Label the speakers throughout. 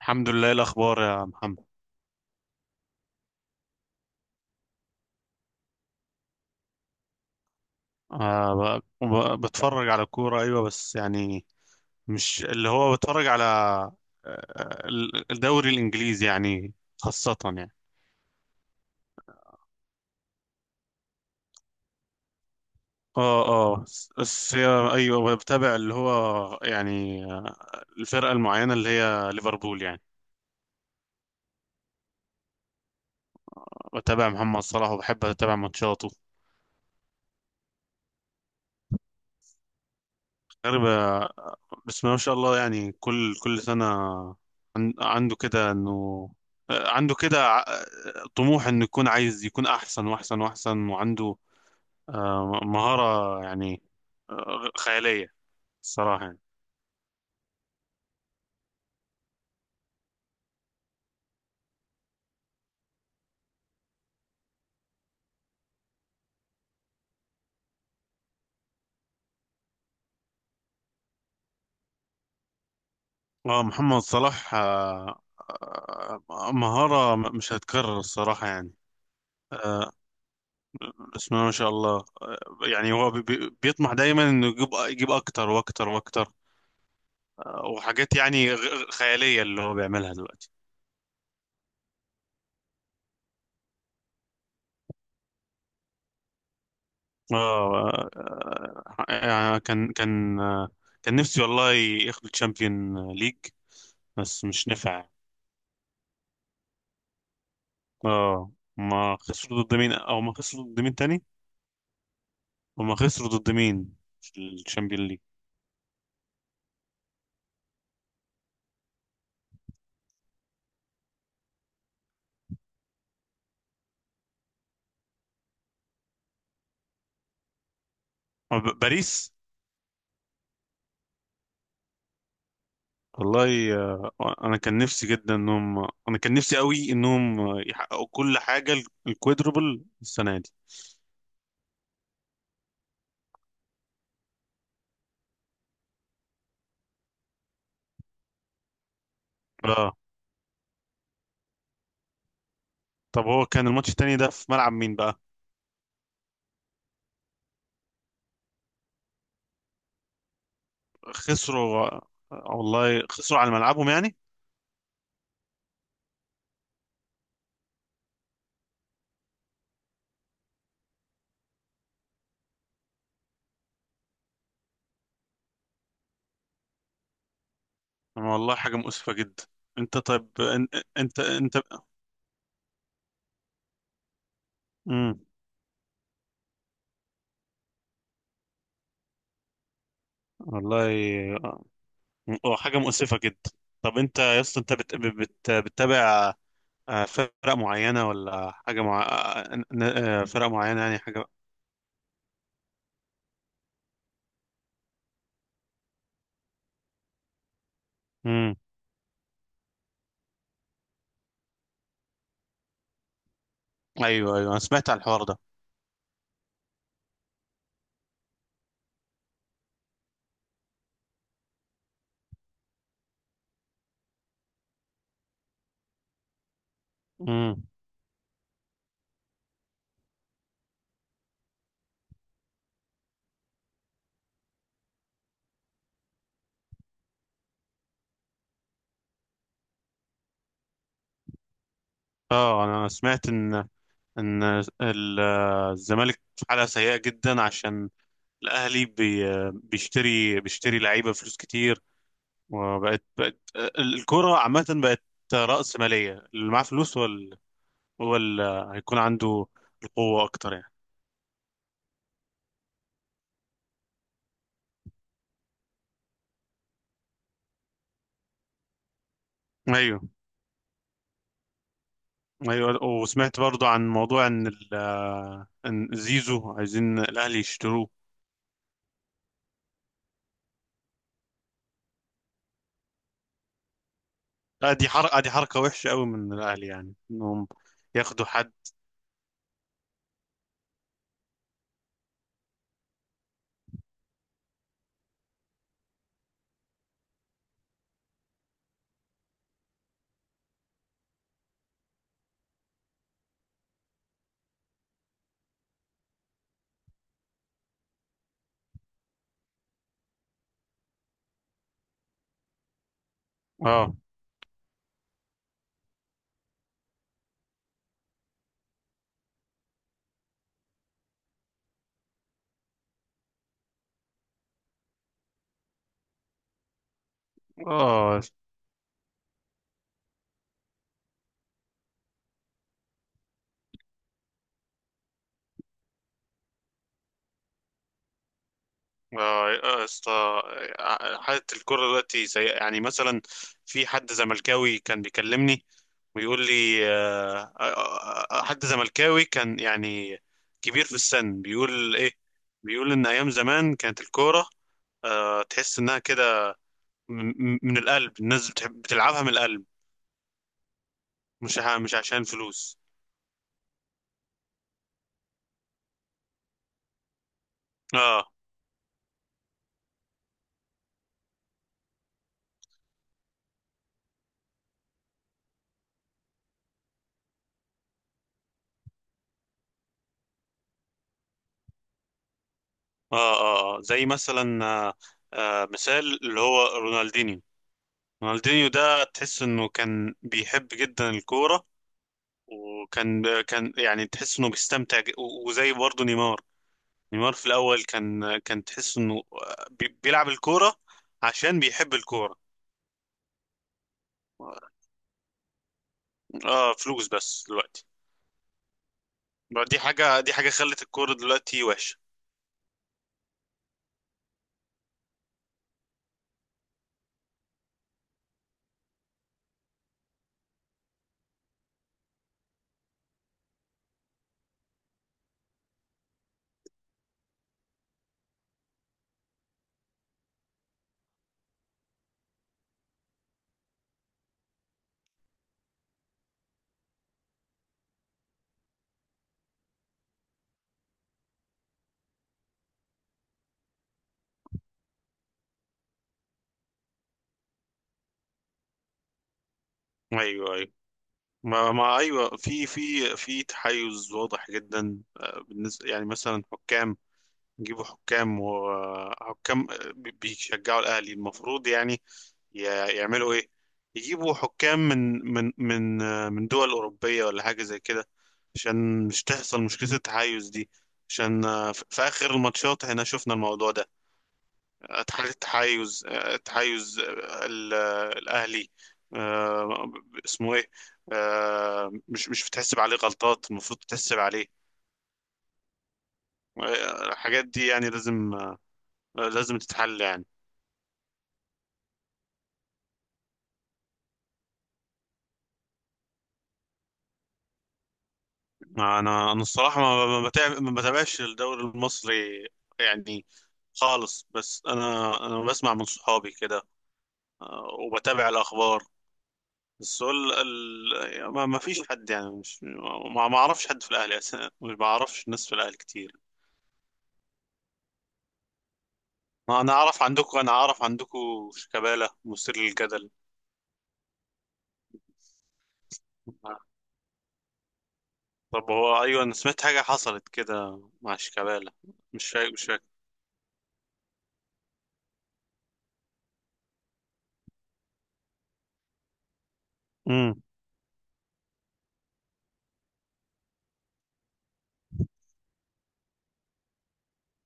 Speaker 1: الحمد لله، إيه الأخبار يا محمد؟ آه. بتفرج على الكورة، أيوة، بس يعني مش اللي هو بتفرج على، الدوري الإنجليزي يعني، خاصة يعني. اه اه، بس أيوة، بتابع اللي هو يعني، الفرقة المعينة اللي هي ليفربول يعني. بتابع محمد صلاح وبحب أتابع ماتشاته. غريبة، بس ما شاء الله، يعني كل سنة عنده كده انه، عنده كده ع- طموح انه يكون عايز يكون احسن واحسن واحسن، وعنده مهارة يعني، خيالية الصراحة يعني. اه، محمد صلاح، مهارة مش هتكرر، الصراحة يعني. آه، بسم الله ما شاء الله، يعني هو بيطمح دايما انه يجيب اكتر واكتر واكتر، وحاجات يعني خيالية اللي هو بيعملها دلوقتي. اه، يعني كان كان نفسي والله ياخدوا تشامبيون ليج، بس مش نفع. اه. ما خسروا ضد مين، او ما خسروا ضد مين تاني؟ وما خسروا ضد مين في الشامبيون ليج؟ باريس. والله، انا كان نفسي قوي انهم يحققوا كل حاجه، الكوادربل السنه دي. اه. طب هو كان الماتش التاني ده في ملعب مين بقى؟ خسروا والله، خسروا على ملعبهم يعني. والله حاجة مؤسفة جدا. انت طيب ان- انت. امم والله، آه، هو حاجة مؤسفة جدا. طب انت يا اسطى، انت بتتابع فرق معينة ولا حاجة مع، فرق معينة يعني، حاجة؟ امم. ايوه، ايوه، انا سمعت عن الحوار ده. امم. اه، انا سمعت ان، ان ال- الزمالك في حالة سيئة جدا، عشان الاهلي بيشتري لعيبة بفلوس كتير، وبقت الكرة عامة بقت رأسمالية، اللي معاه فلوس هو هو اللي هيكون عنده القوة أكتر يعني. أيوه، أيوه، وسمعت برضو عن موضوع إن زيزو عايزين الأهلي يشتروه. لا، دي حركة وحشة قوي من الأهلي، يعني إنهم ياخدوا حد. اه، اه، آه. آه، اسطى، آه، آه، حالة الكرة دلوقتي زي يعني مثلا في حد زملكاوي كان بيكلمني ويقول لي آه، آه، آه، آه، حد زملكاوي كان يعني كبير في السن بيقول ايه بيقول ان ايام زمان كانت الكورة آه، تحس انها كده م- م- من القلب الناس بتحب بتلعبها من القلب مش ع- مش عشان فلوس اه اه اه آه. زي مثلا، مثال اللي هو رونالدينيو. رونالدينيو ده تحس انه كان بيحب جدا الكورة، وكان يعني تحس انه بيستمتع، وزي برضه نيمار. نيمار في الاول كان تحس انه بيلعب الكورة عشان بيحب الكورة. اه، فلوس بس دلوقتي بقى. دي حاجة خلت الكورة دلوقتي وحشة. ايوه، ايوه. ما ما ايوه، في تحيز واضح جدا، بالنسبة يعني مثلا حكام، يجيبوا حكام، وحكام بيشجعوا الأهلي. المفروض يعني ي- يعملوا إيه، يجيبوا حكام من من من من دول أوروبية ولا حاجة زي كده، عشان مش تحصل مشكلة التحيز دي، عشان في في آخر الماتشات احنا شفنا الموضوع ده. اتحاد التحيز، الأهلي، آه، اسمه إيه، مش بتحسب عليه غلطات المفروض تحسب عليه، الحاجات دي يعني لازم، لازم تتحل يعني. انا الصراحه، ما ما ما بتابعش الدوري المصري يعني خالص، بس انا بسمع من صحابي كده، وبتابع الاخبار. بس هو ما ما فيش حد يعني، مش، ما ما اعرفش حد في الاهلي اساسا، ما بعرفش ناس في الاهلي كتير. ما انا اعرف عندكم، انا اعرف عندكم شيكابالا مثير للجدل. طب هو، ايوه، انا سمعت حاجه حصلت كده مع شيكابالا. مش فاكر، مش فاكر. امم.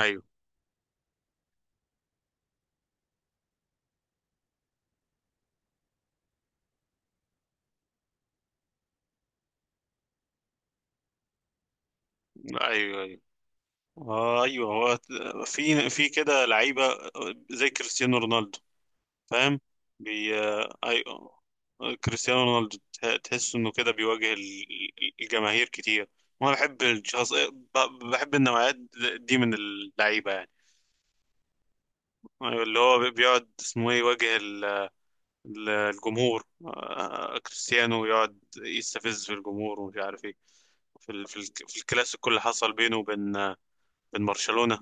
Speaker 1: ايوه، ايوه. آه، ايوه. هو في كده لعيبه زي كريستيانو رونالدو، فاهم؟ بي آه، ايوه، كريستيانو رونالدو تحس انه كده بيواجه الجماهير كتير. وانا بحب الشخص، بحب النوعيات دي من اللعيبه يعني. أيوة، اللي هو بيقعد، اسمه ايه، يواجه الجمهور، كريستيانو يقعد يستفز في الجمهور ومش عارف ايه، في في الكلاسيكو اللي حصل بينه وبين، بين برشلونة.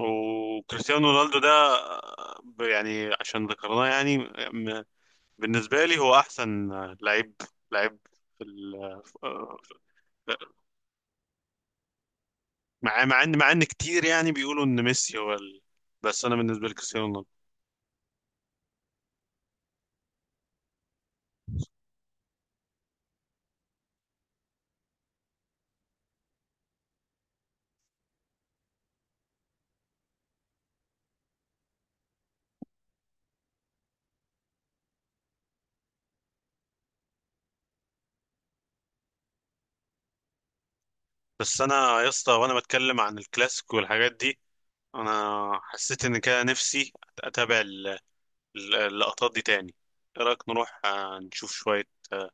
Speaker 1: وكريستيانو رونالدو ده، يعني عشان ذكرناه يعني، م- بالنسبة لي هو أحسن لعيب لعيب في ال... مع إن كتير يعني بيقولوا إن ميسي هو ال... بس أنا بالنسبة لي كريستيانو رونالدو. بس أنا يا اسطى، وأنا بتكلم عن الكلاسيك والحاجات دي، أنا حسيت إن كده نفسي أتابع اللقطات دي تاني. إيه رأيك نروح، نشوف شوية آه،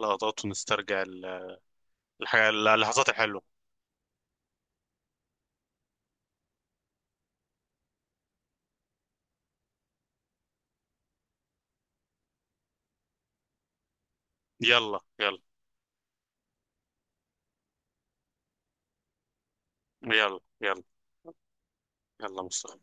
Speaker 1: لقطات، ونسترجع الحاجة، اللحظات الحلوة. يلا، يلا. يلا، يلا. يلا، مصطفى.